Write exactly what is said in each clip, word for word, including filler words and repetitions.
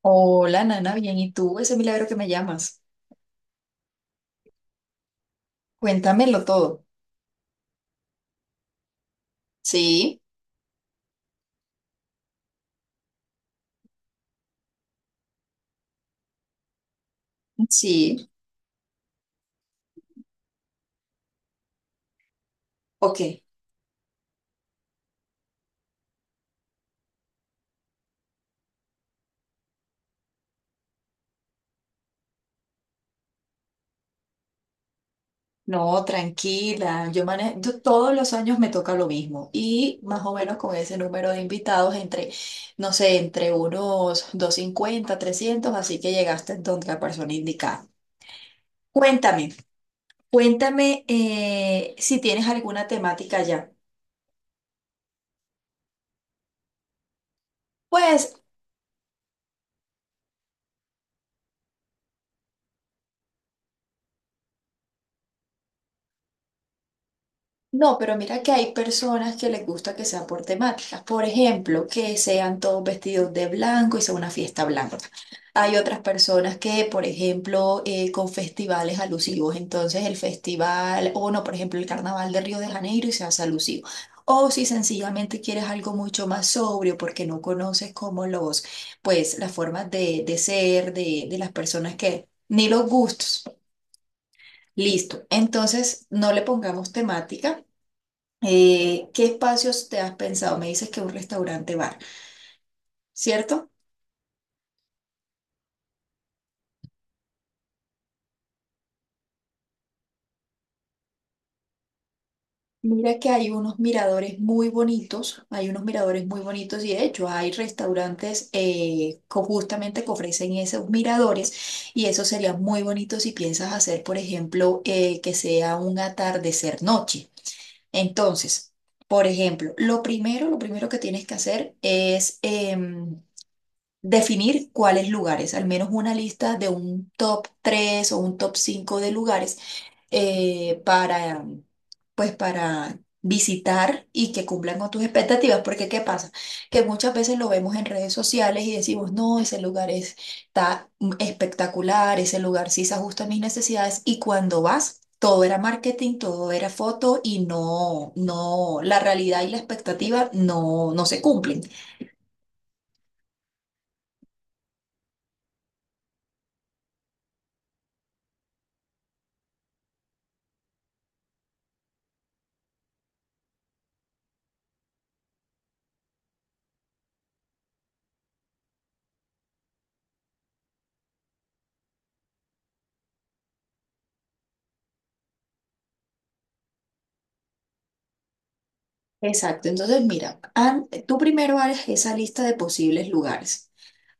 Hola, Nana, bien. ¿Y tú? Ese milagro que me llamas. Cuéntamelo todo. Sí, sí, ok. No, tranquila. Yo manejo, yo todos los años me toca lo mismo. Y más o menos con ese número de invitados, entre, no sé, entre unos doscientos cincuenta trescientos, así que llegaste donde la persona indicada. Cuéntame, cuéntame, eh, si tienes alguna temática ya. Pues No, pero mira que hay personas que les gusta que sea por temáticas. Por ejemplo, que sean todos vestidos de blanco y sea una fiesta blanca. Hay otras personas que, por ejemplo, eh, con festivales alusivos. Entonces, el festival, o no, por ejemplo, el Carnaval de Río de Janeiro y se hace alusivo. O si sencillamente quieres algo mucho más sobrio porque no conoces como los, pues, las formas de, de ser de, de las personas que, ni los gustos. Listo. Entonces, no le pongamos temática. Eh, ¿qué espacios te has pensado? Me dices que un restaurante bar, ¿cierto? Mira que hay unos miradores muy bonitos, hay unos miradores muy bonitos y de hecho hay restaurantes eh, co- justamente que ofrecen esos miradores y eso sería muy bonito si piensas hacer, por ejemplo, eh, que sea un atardecer noche. Entonces, por ejemplo, lo primero, lo primero que tienes que hacer es em, definir cuáles lugares, al menos una lista de un top tres o un top cinco de lugares, eh, para, pues para visitar y que cumplan con tus expectativas, porque ¿qué pasa? Que muchas veces lo vemos en redes sociales y decimos, no, ese lugar es- está espectacular, ese lugar sí se ajusta a mis necesidades y cuando vas. Todo era marketing, todo era foto y no, no, la realidad y la expectativa no, no se cumplen. Exacto, entonces mira, an- tú primero haces esa lista de posibles lugares.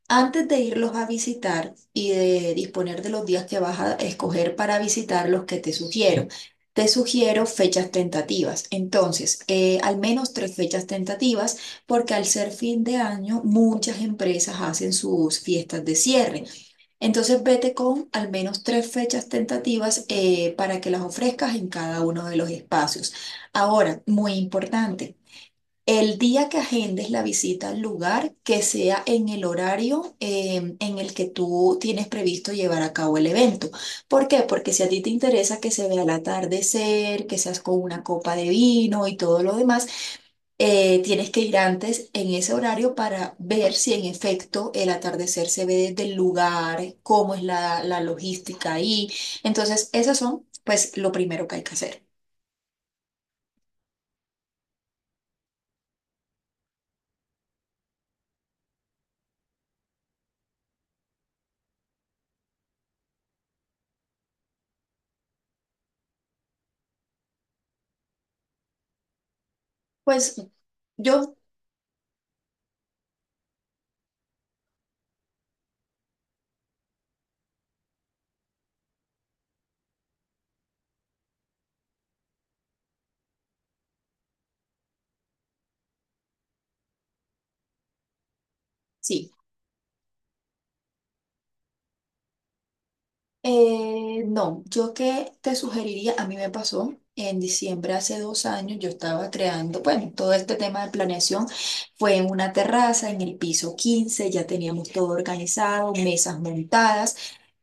Antes de irlos a visitar y de disponer de los días que vas a escoger para visitar los que te sugiero, te sugiero fechas tentativas. Entonces, eh, al menos tres fechas tentativas, porque al ser fin de año, muchas empresas hacen sus fiestas de cierre. Entonces, vete con al menos tres fechas tentativas, eh, para que las ofrezcas en cada uno de los espacios. Ahora, muy importante. El día que agendes la visita al lugar, que sea en el horario, eh, en el que tú tienes previsto llevar a cabo el evento. ¿Por qué? Porque si a ti te interesa que se vea el atardecer, que seas con una copa de vino y todo lo demás, eh, tienes que ir antes en ese horario para ver si en efecto el atardecer se ve desde el lugar, cómo es la, la logística ahí. Entonces, esas son, pues, lo primero que hay que hacer. Pues yo. Sí. Eh, no, yo qué te sugeriría, a mí me pasó en diciembre hace dos años, yo estaba creando, bueno, todo este tema de planeación fue en una terraza, en el piso quince. Ya teníamos todo organizado, mesas montadas.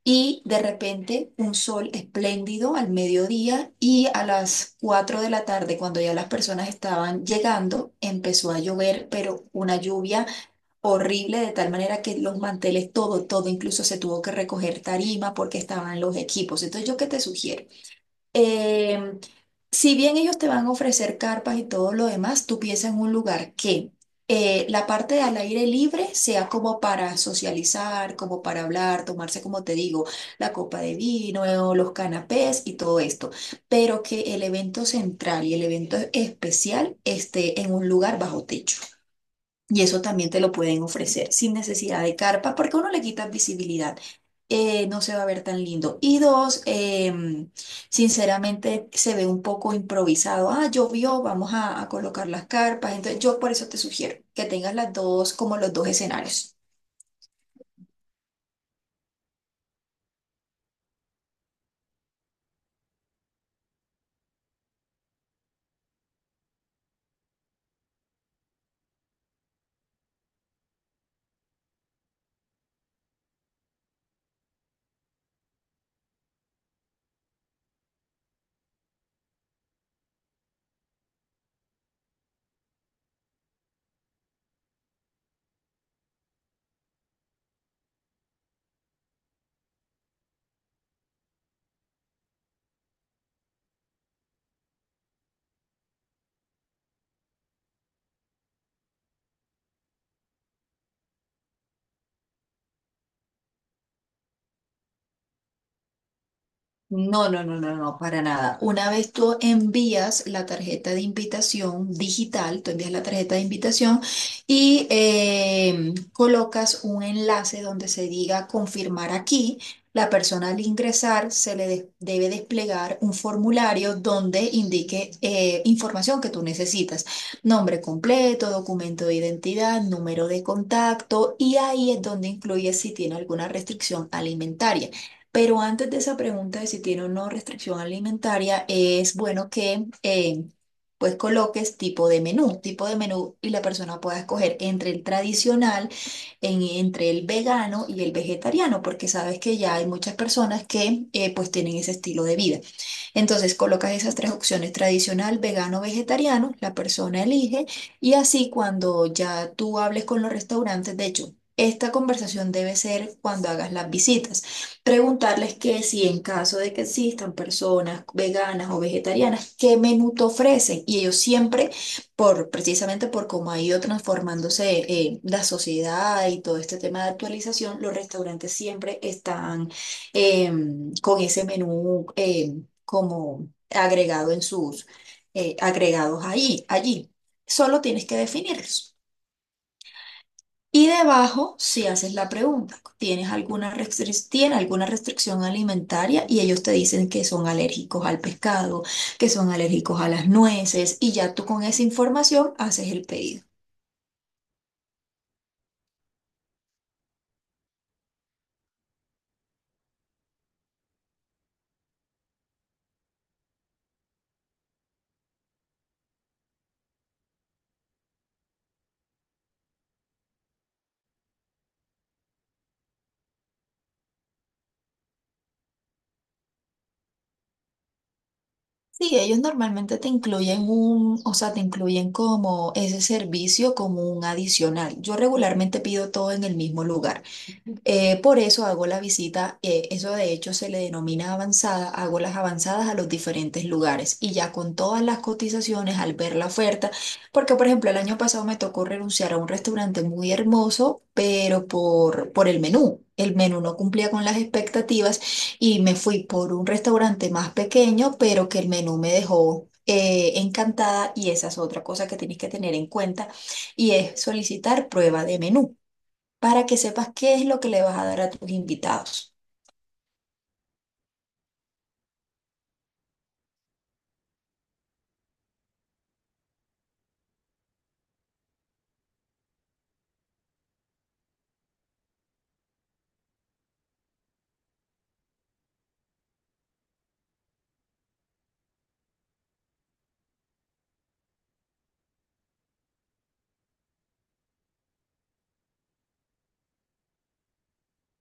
Y de repente un sol espléndido al mediodía y a las cuatro de la tarde, cuando ya las personas estaban llegando, empezó a llover, pero una lluvia horrible, de tal manera que los manteles, todo, todo, incluso se tuvo que recoger tarima porque estaban los equipos. Entonces, ¿yo qué te sugiero? Eh, si bien ellos te van a ofrecer carpas y todo lo demás, tú piensa en un lugar que, eh, la parte de al aire libre sea como para socializar, como para hablar, tomarse, como te digo, la copa de vino, los canapés y todo esto, pero que el evento central y el evento especial esté en un lugar bajo techo. Y eso también te lo pueden ofrecer sin necesidad de carpa, porque uno le quita visibilidad. Eh, no se va a ver tan lindo. Y dos, em, sinceramente se ve un poco improvisado. Ah, llovió, vamos a, a colocar las carpas. Entonces, yo por eso te sugiero que tengas las dos, como los dos escenarios. No, no, no, no, no, para nada. Una vez tú envías la tarjeta de invitación digital, tú envías la tarjeta de invitación y eh, colocas un enlace donde se diga confirmar aquí. La persona al ingresar se le des- debe desplegar un formulario donde indique, eh, información que tú necesitas. Nombre completo, documento de identidad, número de contacto y ahí es donde incluye si tiene alguna restricción alimentaria. Pero antes de esa pregunta de si tiene o no restricción alimentaria, es bueno que, eh, pues coloques tipo de menú, tipo de menú y la persona pueda escoger entre el tradicional, en- entre el vegano y el vegetariano, porque sabes que ya hay muchas personas que, eh, pues tienen ese estilo de vida. Entonces colocas esas tres opciones, tradicional, vegano, vegetariano, la persona elige y así cuando ya tú hables con los restaurantes, de hecho, esta conversación debe ser cuando hagas las visitas, preguntarles que si en caso de que existan personas veganas o vegetarianas, ¿qué menú te ofrecen? Y ellos siempre, por, precisamente por cómo ha ido transformándose, eh, la sociedad y todo este tema de actualización, los restaurantes siempre están em, con ese menú, em, como agregado en sus, eh, agregados ahí, allí. Solo tienes que definirlos. Y debajo, si haces la pregunta, ¿tienes alguna restric- ¿tiene alguna restricción alimentaria? Y ellos te dicen que son alérgicos al pescado, que son alérgicos a las nueces, y ya tú con esa información haces el pedido. Sí, ellos normalmente te incluyen un, o sea, te incluyen como ese servicio como un adicional. Yo regularmente pido todo en el mismo lugar. Eh, por eso hago la visita, eh, eso de hecho se le denomina avanzada, hago las avanzadas a los diferentes lugares y ya con todas las cotizaciones al ver la oferta, porque por ejemplo el año pasado me tocó renunciar a un restaurante muy hermoso, pero por, por el menú. El menú no cumplía con las expectativas y me fui por un restaurante más pequeño, pero que el menú me dejó, eh, encantada y esa es otra cosa que tienes que tener en cuenta y es solicitar prueba de menú para que sepas qué es lo que le vas a dar a tus invitados.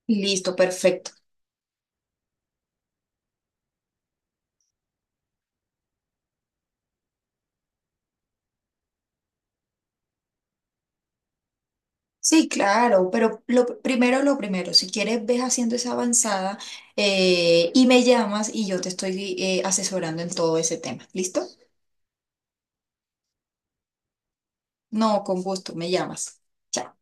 Listo, perfecto. Sí, claro, pero lo primero, lo primero, si quieres, ves haciendo esa avanzada, eh, y me llamas y yo te estoy, eh, asesorando en todo ese tema. ¿Listo? No, con gusto, me llamas. Chao.